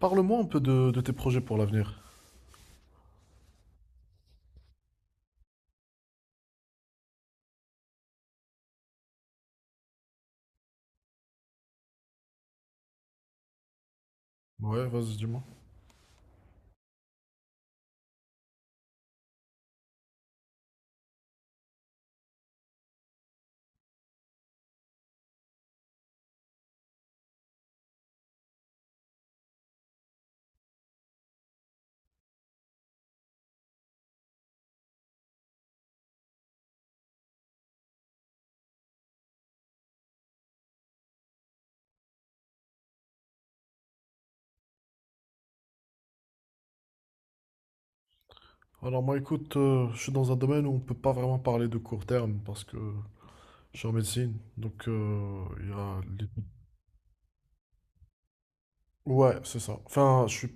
Parle-moi un peu de tes projets pour l'avenir. Ouais, vas-y, dis-moi. Alors moi, écoute, je suis dans un domaine où on peut pas vraiment parler de court terme parce que je suis en médecine. Donc, il y a... les- Ouais, c'est ça. Enfin, je suis,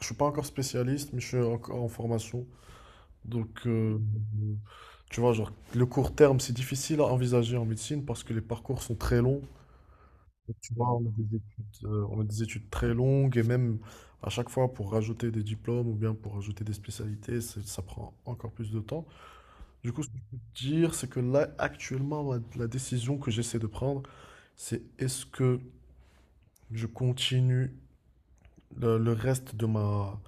je suis pas encore spécialiste, mais je suis encore en formation. Donc, tu vois, genre, le court terme, c'est difficile à envisager en médecine parce que les parcours sont très longs. Donc, tu vois, on a des études, très longues. Et même à chaque fois pour rajouter des diplômes ou bien pour rajouter des spécialités, ça prend encore plus de temps. Du coup, ce que je peux te dire, c'est que là, actuellement, la décision que j'essaie de prendre, c'est: est-ce que je continue le reste de ma,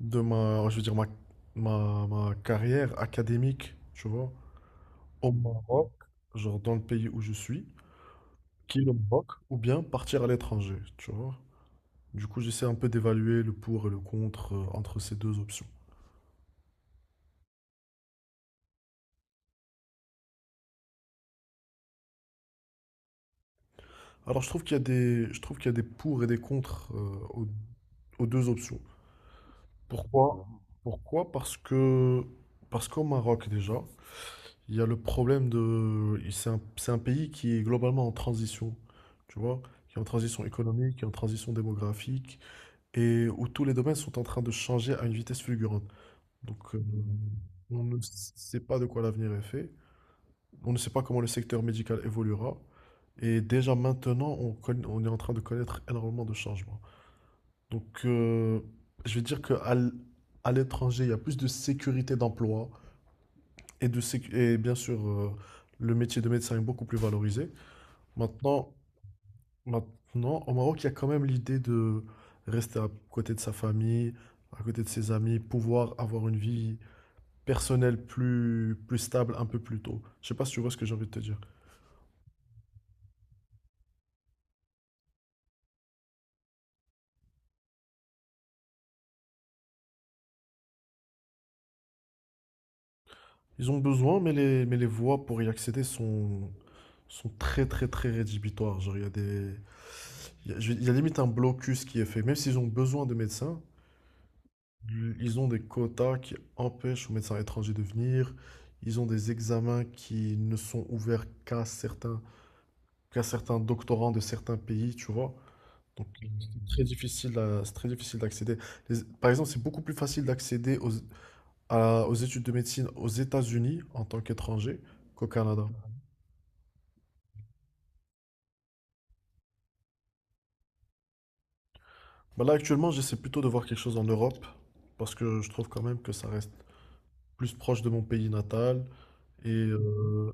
je veux dire, ma carrière académique, tu vois, au Maroc, genre dans le pays où je suis, qui est le Maroc, ou bien partir à l'étranger, tu vois. Du coup, j'essaie un peu d'évaluer le pour et le contre, entre ces deux options. Alors, je trouve qu'il y a des pour et des contre, aux, aux deux options. Pourquoi? Pourquoi? Parce qu'au Maroc, déjà, il y a le problème de, c'est un pays qui est globalement en transition, tu vois, qui est en transition économique, qui est en transition démographique, et où tous les domaines sont en train de changer à une vitesse fulgurante. Donc, on ne sait pas de quoi l'avenir est fait. On ne sait pas comment le secteur médical évoluera. Et déjà maintenant, on est en train de connaître énormément de changements. Donc, je vais dire qu'à à l'étranger, il y a plus de sécurité d'emploi, et et bien sûr, le métier de médecin est beaucoup plus valorisé. Maintenant, au Maroc, il y a quand même l'idée de rester à côté de sa famille, à côté de ses amis, pouvoir avoir une vie personnelle plus stable un peu plus tôt. Je sais pas si tu vois ce que j'ai envie de te dire. Ils ont besoin, mais les voies pour y accéder sont très, très, très rédhibitoires. Genre, il y a des, il y a, je- il y a limite un blocus qui est fait. Même s'ils ont besoin de médecins, ils ont des quotas qui empêchent aux médecins étrangers de venir. Ils ont des examens qui ne sont ouverts qu'à certains doctorants de certains pays, tu vois. Donc, c'est très difficile d'accéder. Par exemple, c'est beaucoup plus facile d'accéder aux études de médecine aux États-Unis en tant qu'étranger qu'au Canada. Bah là, actuellement, j'essaie plutôt de voir quelque chose en Europe, parce que je trouve quand même que ça reste plus proche de mon pays natal, et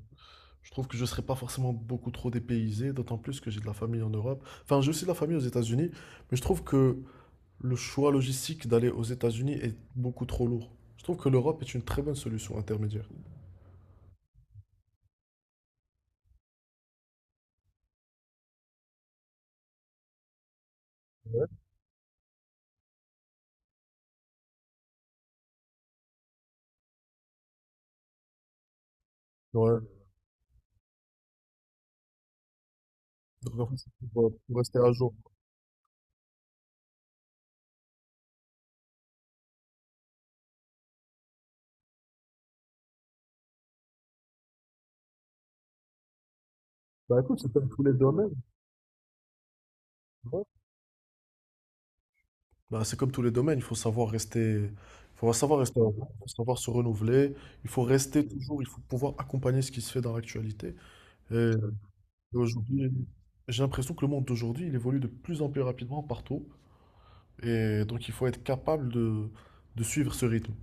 je trouve que je ne serais pas forcément beaucoup trop dépaysé, d'autant plus que j'ai de la famille en Europe. Enfin, j'ai aussi de la famille aux États-Unis, mais je trouve que le choix logistique d'aller aux États-Unis est beaucoup trop lourd. Je trouve que l'Europe est une très bonne solution intermédiaire. Ouais, ouais. Donc, en fait, c'est pour rester à jour. Bah écoute, c'est dans tous les domaines. Bah, c'est comme tous les domaines, il faut savoir rester, il faut savoir rester, il faut savoir se renouveler, il faut rester toujours, il faut pouvoir accompagner ce qui se fait dans l'actualité. Et aujourd'hui, j'ai l'impression que le monde d'aujourd'hui, il évolue de plus en plus rapidement partout, et donc il faut être capable de suivre ce rythme.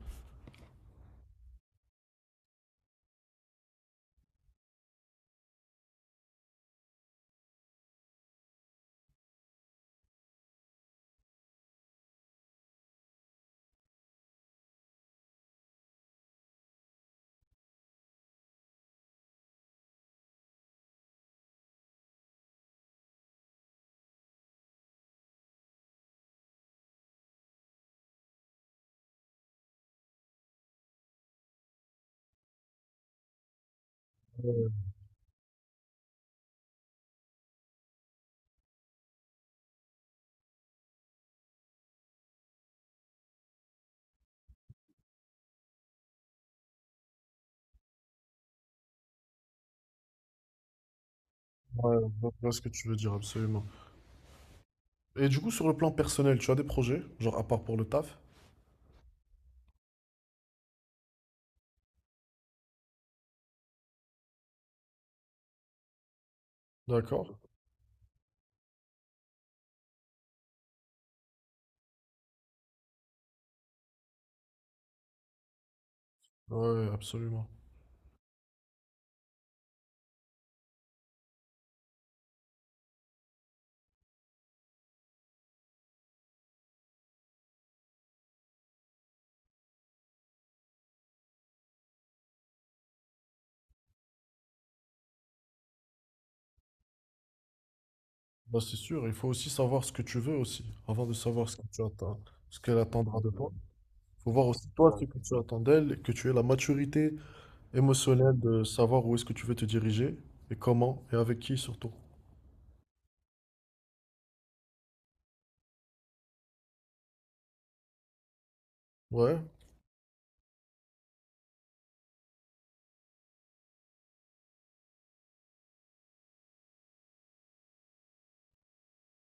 Ouais, ouais, je vois ce que tu veux dire, absolument. Et du coup, sur le plan personnel, tu as des projets, genre à part pour le taf, d'accord? Ouais, absolument. Bah, c'est sûr, il faut aussi savoir ce que tu veux aussi, avant de savoir ce que tu attends, ce qu'elle attendra de toi. Faut voir aussi toi ce que tu attends d'elle, que tu aies la maturité émotionnelle de savoir où est-ce que tu veux te diriger et comment et avec qui surtout. Ouais,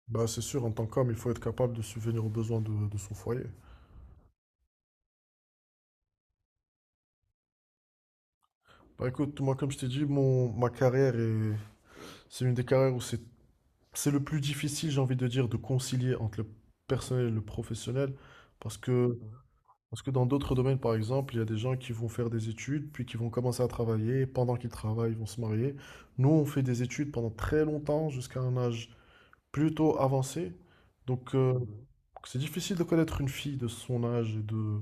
bah c'est sûr, en tant qu'homme, il faut être capable de subvenir aux besoins de son foyer. Bah écoute, moi comme je t'ai dit, mon, ma carrière est, c'est une des carrières où c'est le plus difficile, j'ai envie de dire, de concilier entre le personnel et le professionnel, parce que Parce que dans d'autres domaines, par exemple, il y a des gens qui vont faire des études, puis qui vont commencer à travailler, et pendant qu'ils travaillent, ils vont se marier. Nous, on fait des études pendant très longtemps, jusqu'à un âge plutôt avancé. Donc, mhm. C'est difficile de connaître une fille de son âge et de,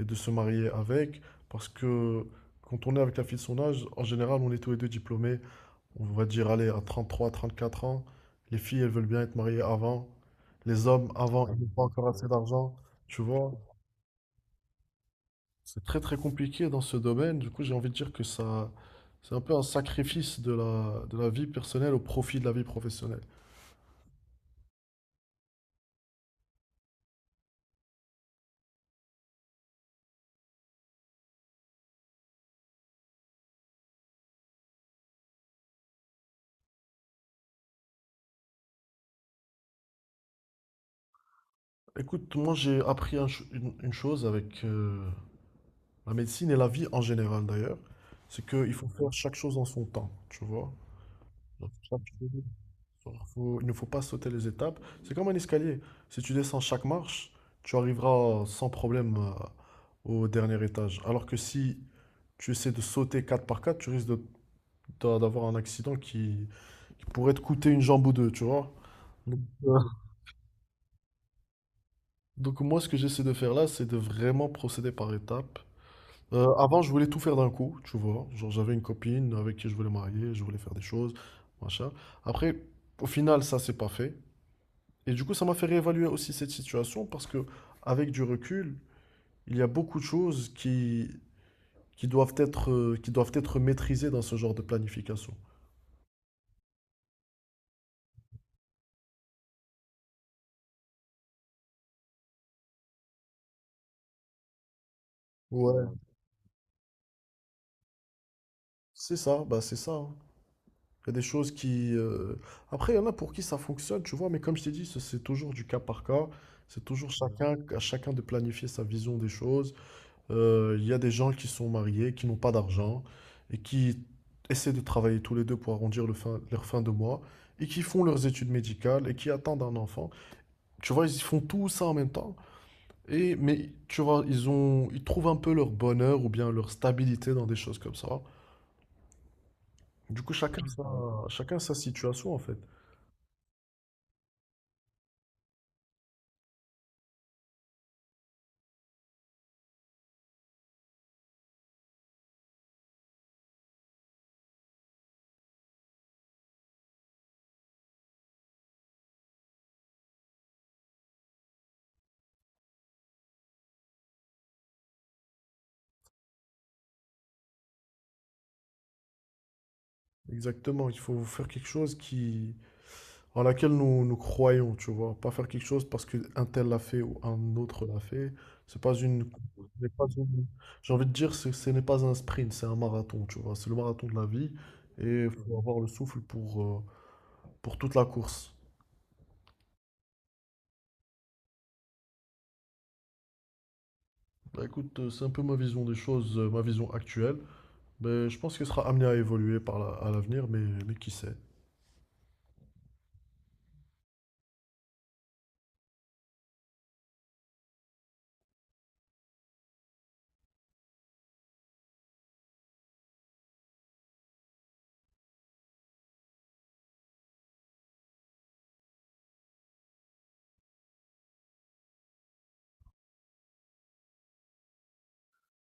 et de se marier avec. Parce que quand on est avec la fille de son âge, en général, on est tous les deux diplômés. On va dire, allez, à 33, 34 ans, les filles, elles veulent bien être mariées avant. Les hommes, avant, ils n'ont pas encore assez d'argent. Tu vois? C'est très très compliqué dans ce domaine. Du coup, j'ai envie de dire que ça, c'est un peu un sacrifice de la, vie personnelle au profit de la vie professionnelle. Écoute, moi j'ai appris une chose avec la médecine et la vie en général d'ailleurs, c'est qu'il faut faire chaque chose en son temps, tu vois. Genre, chaque chose- genre, faut- il ne faut pas sauter les étapes. C'est comme un escalier. Si tu descends chaque marche, tu arriveras sans problème au dernier étage. Alors que si tu essaies de sauter 4 par 4, tu risques d'avoir un accident qui pourrait te coûter une jambe ou deux, tu vois. Donc, euh, donc, moi, ce que j'essaie de faire là, c'est de vraiment procéder par étapes. Avant, je voulais tout faire d'un coup, tu vois. Genre, j'avais une copine avec qui je voulais marier, je voulais faire des choses, machin. Après, au final, ça, c'est pas fait. Et du coup, ça m'a fait réévaluer aussi cette situation parce que, avec du recul, il y a beaucoup de choses qui doivent être maîtrisées dans ce genre de planification. Ouais. C'est ça, bah c'est ça, hein. Il y a des choses qui... Après, il y en a pour qui ça fonctionne, tu vois, mais comme je t'ai dit, c'est toujours du cas par cas. C'est toujours chacun, à chacun de planifier sa vision des choses. Il y a des gens qui sont mariés, qui n'ont pas d'argent, et qui essaient de travailler tous les deux pour arrondir leur fin de mois, et qui font leurs études médicales, et qui attendent un enfant. Tu vois, ils font tout ça en même temps. Et, mais tu vois, ils ont, ils trouvent un peu leur bonheur ou bien leur stabilité dans des choses comme ça. Du coup, chacun, chacun sa situation, en fait. Exactement, il faut faire quelque chose qui en laquelle nous, nous croyons, tu vois, pas faire quelque chose parce que un tel l'a fait ou un autre l'a fait. C'est pas une, ce n'est pas une- j'ai envie de dire ce n'est pas un sprint, c'est un marathon, tu vois, c'est le marathon de la vie et il faut avoir le souffle pour toute la course. Bah, écoute, c'est un peu ma vision des choses, ma vision actuelle. Mais je pense qu'elle sera amenée à évoluer à l'avenir, mais qui sait.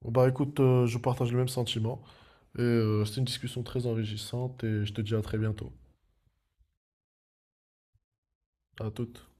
Bon, bah écoute, je partage le même sentiment et c'était une discussion très enrichissante et je te dis à très bientôt. À toutes.